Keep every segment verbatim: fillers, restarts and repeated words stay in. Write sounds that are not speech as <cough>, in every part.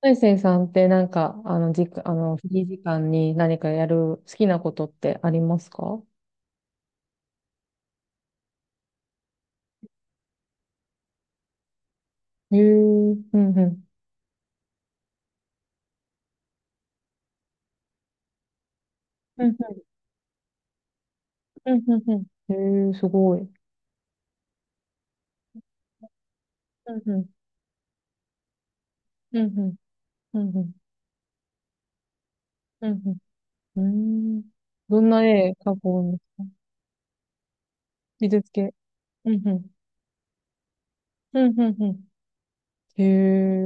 大成さんってなんか、あの、じ、あの、フリー時間に何かやる好きなことってありますか？へえ、うんうん。うんうん、うんうんうん。へえ、すごい。うんうん、うんうん、うんうん、うんうん。うーん。どんな絵描くんですか？美術系。うんうん、うんうんうん。へえ、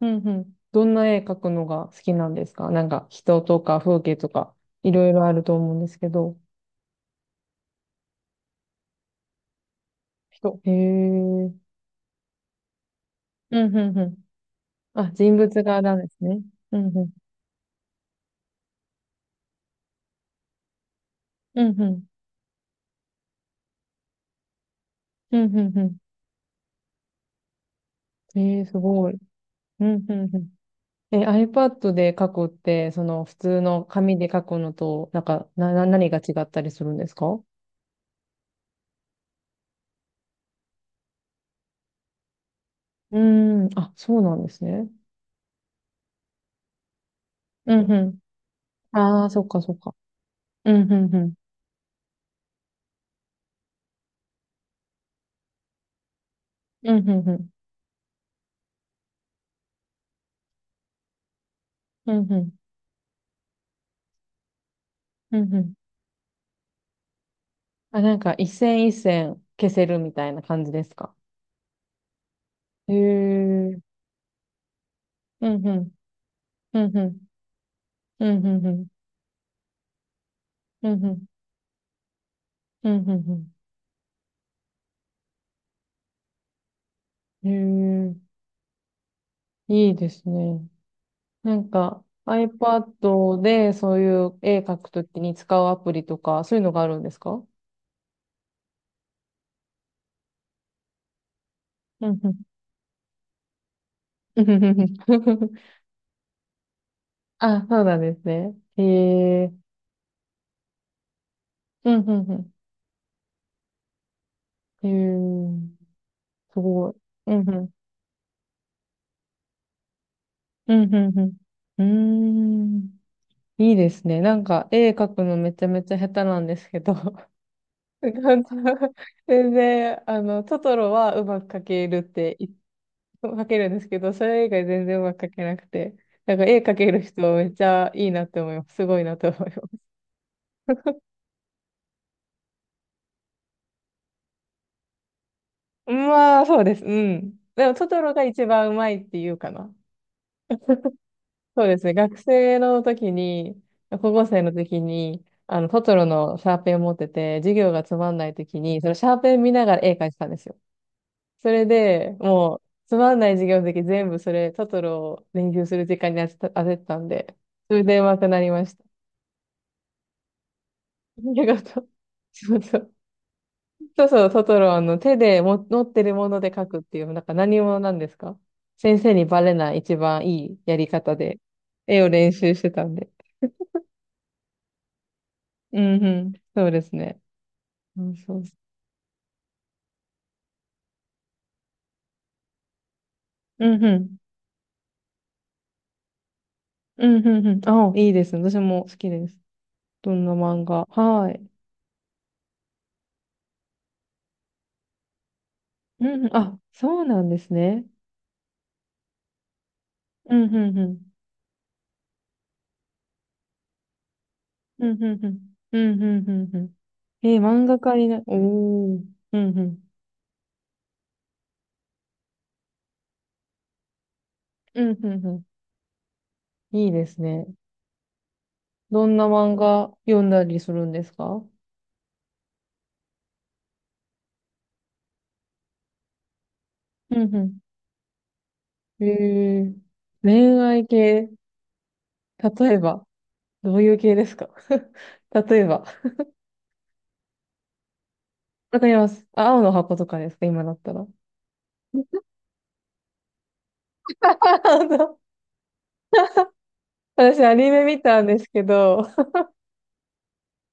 うんうん。どんな絵描くのが好きなんですか？なんか人とか風景とか、いろいろあると思うんですけど。人。へえ、うんうんうん。あ、人物画なんですね。うんうん。うんうん。うんうんうん。ええ、すごい。うんうんうん。え、iPad で書くって、その普通の紙で書くのと、なんか、な、な何が違ったりするんですか？うーん。あ、そうなんですね。うんうん。ああ、そっかそっか。うんうんうん。うんうんうん。うんうん。うんうん。あ、なんか、一線一線消せるみたいな感じですか？へえ。うんうん。うんうん。うんうんうん。うんうん。うんうんうん。へえ。いいですね。なんか iPad でそういう絵描くときに使うアプリとか、そういうのがあるんですか？うんうん。うんうんうん。 <laughs> あ、そうなんですね。へえ。うんうんうん。へえ。すごい。うんうん。うんうんうん。うーん。いいですね。なんか絵描くのめちゃめちゃ下手なんですけど。<laughs> なんか全然、あの、トトロはうまく描けるって描けるんですけど、それ以外全然うまく描けなくて。なんか絵描ける人めっちゃいいなって思います。すごいなって思います。まあ、そうです。うん。でも、トトロが一番うまいっていうかな。そうですね。学生の時に、高校生の時に、あの、トトロのシャーペンを持ってて、授業がつまんない時に、そのシャーペン見ながら絵描いてたんですよ。それで、もう、つまんない授業の時全部それ、トトロを練習する時間に当てた、当ててたんで、それで上手くなりました。<laughs> ありがとう。そうそうそうそう、トトロの手でも持ってるもので書くっていう、なんか何者なんですか？先生にバレない一番いいやり方で、絵を練習してたんで。うんうん。そうですね。うんそうそううんうん。うんうんうん。あ、いいですね。私も好きです。どんな漫画？はい。うんうん。あ、そうなんですね。うんうんうん。うんうんうん。うんうんうんうん。えー、漫画家にな、おー。うんうん。うんうんうん。いいですね。どんな漫画読んだりするんですか？うんうん。えー、恋愛系、例えば、どういう系ですか？ <laughs> 例えば、わかります。あ、青の箱とかですか、今だったら？<laughs> 本当？私、アニメ見たんですけど、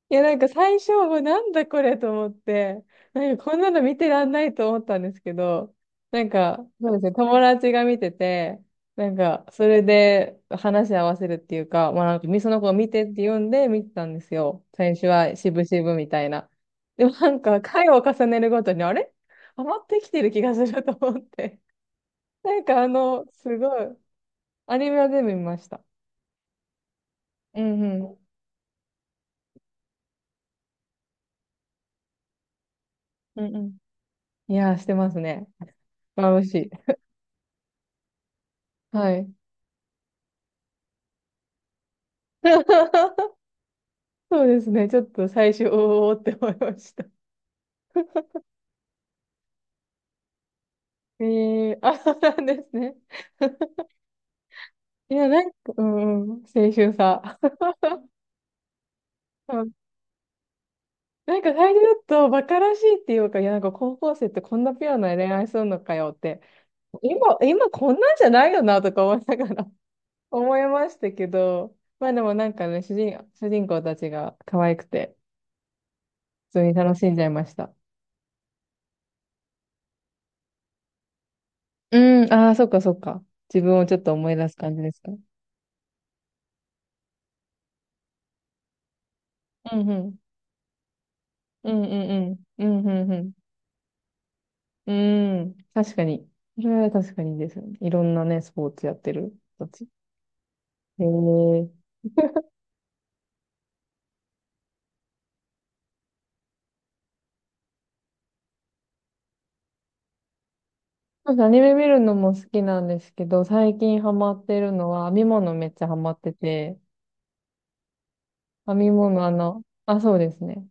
いや、なんか最初はなんだこれと思って、なんかこんなの見てらんないと思ったんですけど、なんか、そうですね、友達が見てて、なんか、それで話し合わせるっていうか、まあなんか、みその子を見てって読んで見てたんですよ。最初はしぶしぶみたいな。でもなんか、回を重ねるごとに、あれ余ってきてる気がすると思って。なんかあの、すごい、アニメは全部見ました。うんうん。うんうん。いやー、してますね。眩しい。はい。<laughs> そうですね。ちょっと最初、おーって思いました。<laughs> えー、あ、そうなんですね。<laughs> いや、なんか、うんうん、青春さ。うん、なんか最初だとバカらしいっていうか、いや、なんか高校生ってこんなピュアな恋愛するのかよって、今、今こんなんじゃないよなとか思いながら、 <laughs> 思いましたけど、まあでもなんかね、主人、主人公たちが可愛くて、普通に楽しんじゃいました。うん、ああ、そっかそっか。自分をちょっと思い出す感じですか。うんうん。うんうんうん。うんうんうん。うん。確かに。それは確かにですよね。いろんなね、スポーツやってる人たち。へえ。なんかアニメ見るのも好きなんですけど、最近ハマってるのは編み物、めっちゃハマってて、編み物あの、あ、そうですね。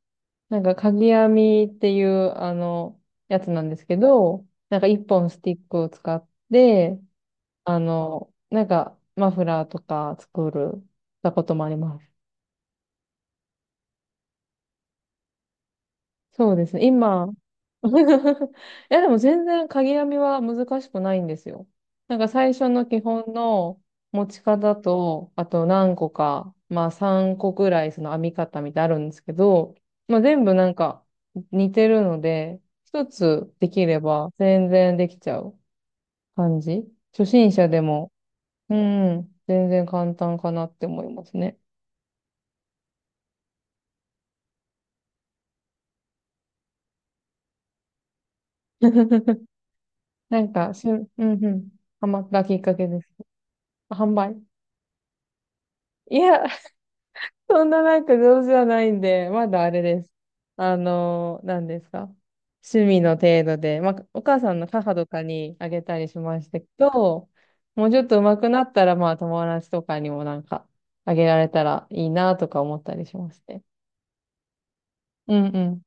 なんかかぎ編みっていうあの、やつなんですけど、なんか一本スティックを使って、あの、なんかマフラーとか作る、たこともあります。そうですね。今、<laughs> いやでも全然鍵編みは難しくないんですよ。なんか最初の基本の持ち方と、あと何個か、まあさんこくらいその編み方みたいなのあるんですけど、まあ全部なんか似てるので、一つできれば全然できちゃう感じ。初心者でも、うん、全然簡単かなって思いますね。<laughs> なんかしゅ、うんうん、ハマったきっかけです。販売。いや、そんななんか上手じゃないんで、まだあれです。あの、何ですか。趣味の程度で、まあ、お母さんの母とかにあげたりしましたけど、もうちょっと上手くなったら、まあ友達とかにもなんかあげられたらいいなとか思ったりしますね。うんうん。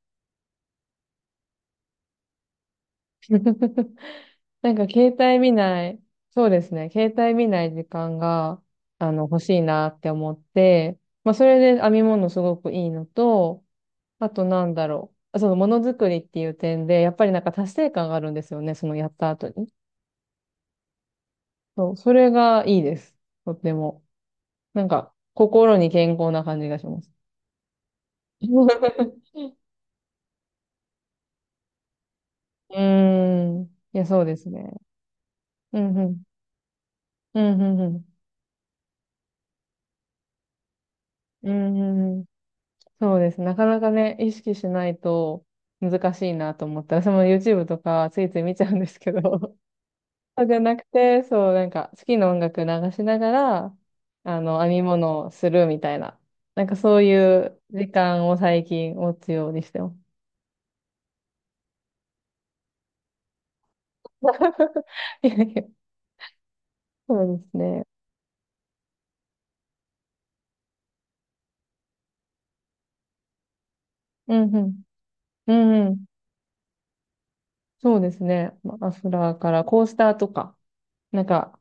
<laughs> なんか携帯見ない、そうですね、携帯見ない時間が、あの、欲しいなって思って、まあ、それで編み物すごくいいのと、あとなんだろう。そのものづくりっていう点で、やっぱりなんか達成感があるんですよね。そのやった後に。そう、それがいいです。とっても。なんか、心に健康な感じがします。<laughs> うーん。いや、そうですね。うん、うん。うん、うん、うん。うんうんうん。そうです。なかなかね、意識しないと難しいなと思って、私も YouTube とかついつい見ちゃうんですけど、そうじゃなくて、そう、なんか好きな音楽流しながら、あの、編み物をするみたいな。なんかそういう時間を最近持つようにしてます。<laughs> いやいや、そうですね。うんうん。うんうん。そうですね。まあアスラーからコースターとか、なんか、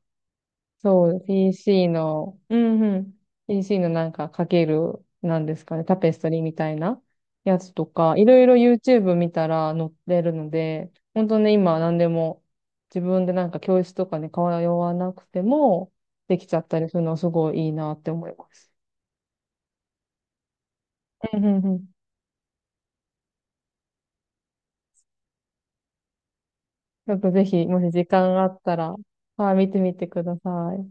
そう、ピーシー の、うんうん。ピーシー のなんかかける、なんですかね、タペストリーみたいなやつとか、いろいろ YouTube 見たら載ってるので、本当ね、今何でも自分でなんか教室とかに通わなくてもできちゃったりするのはすごいいいなって思います。うんうんうん。ちょっとぜひ、もし時間があったら、はい、見てみてください。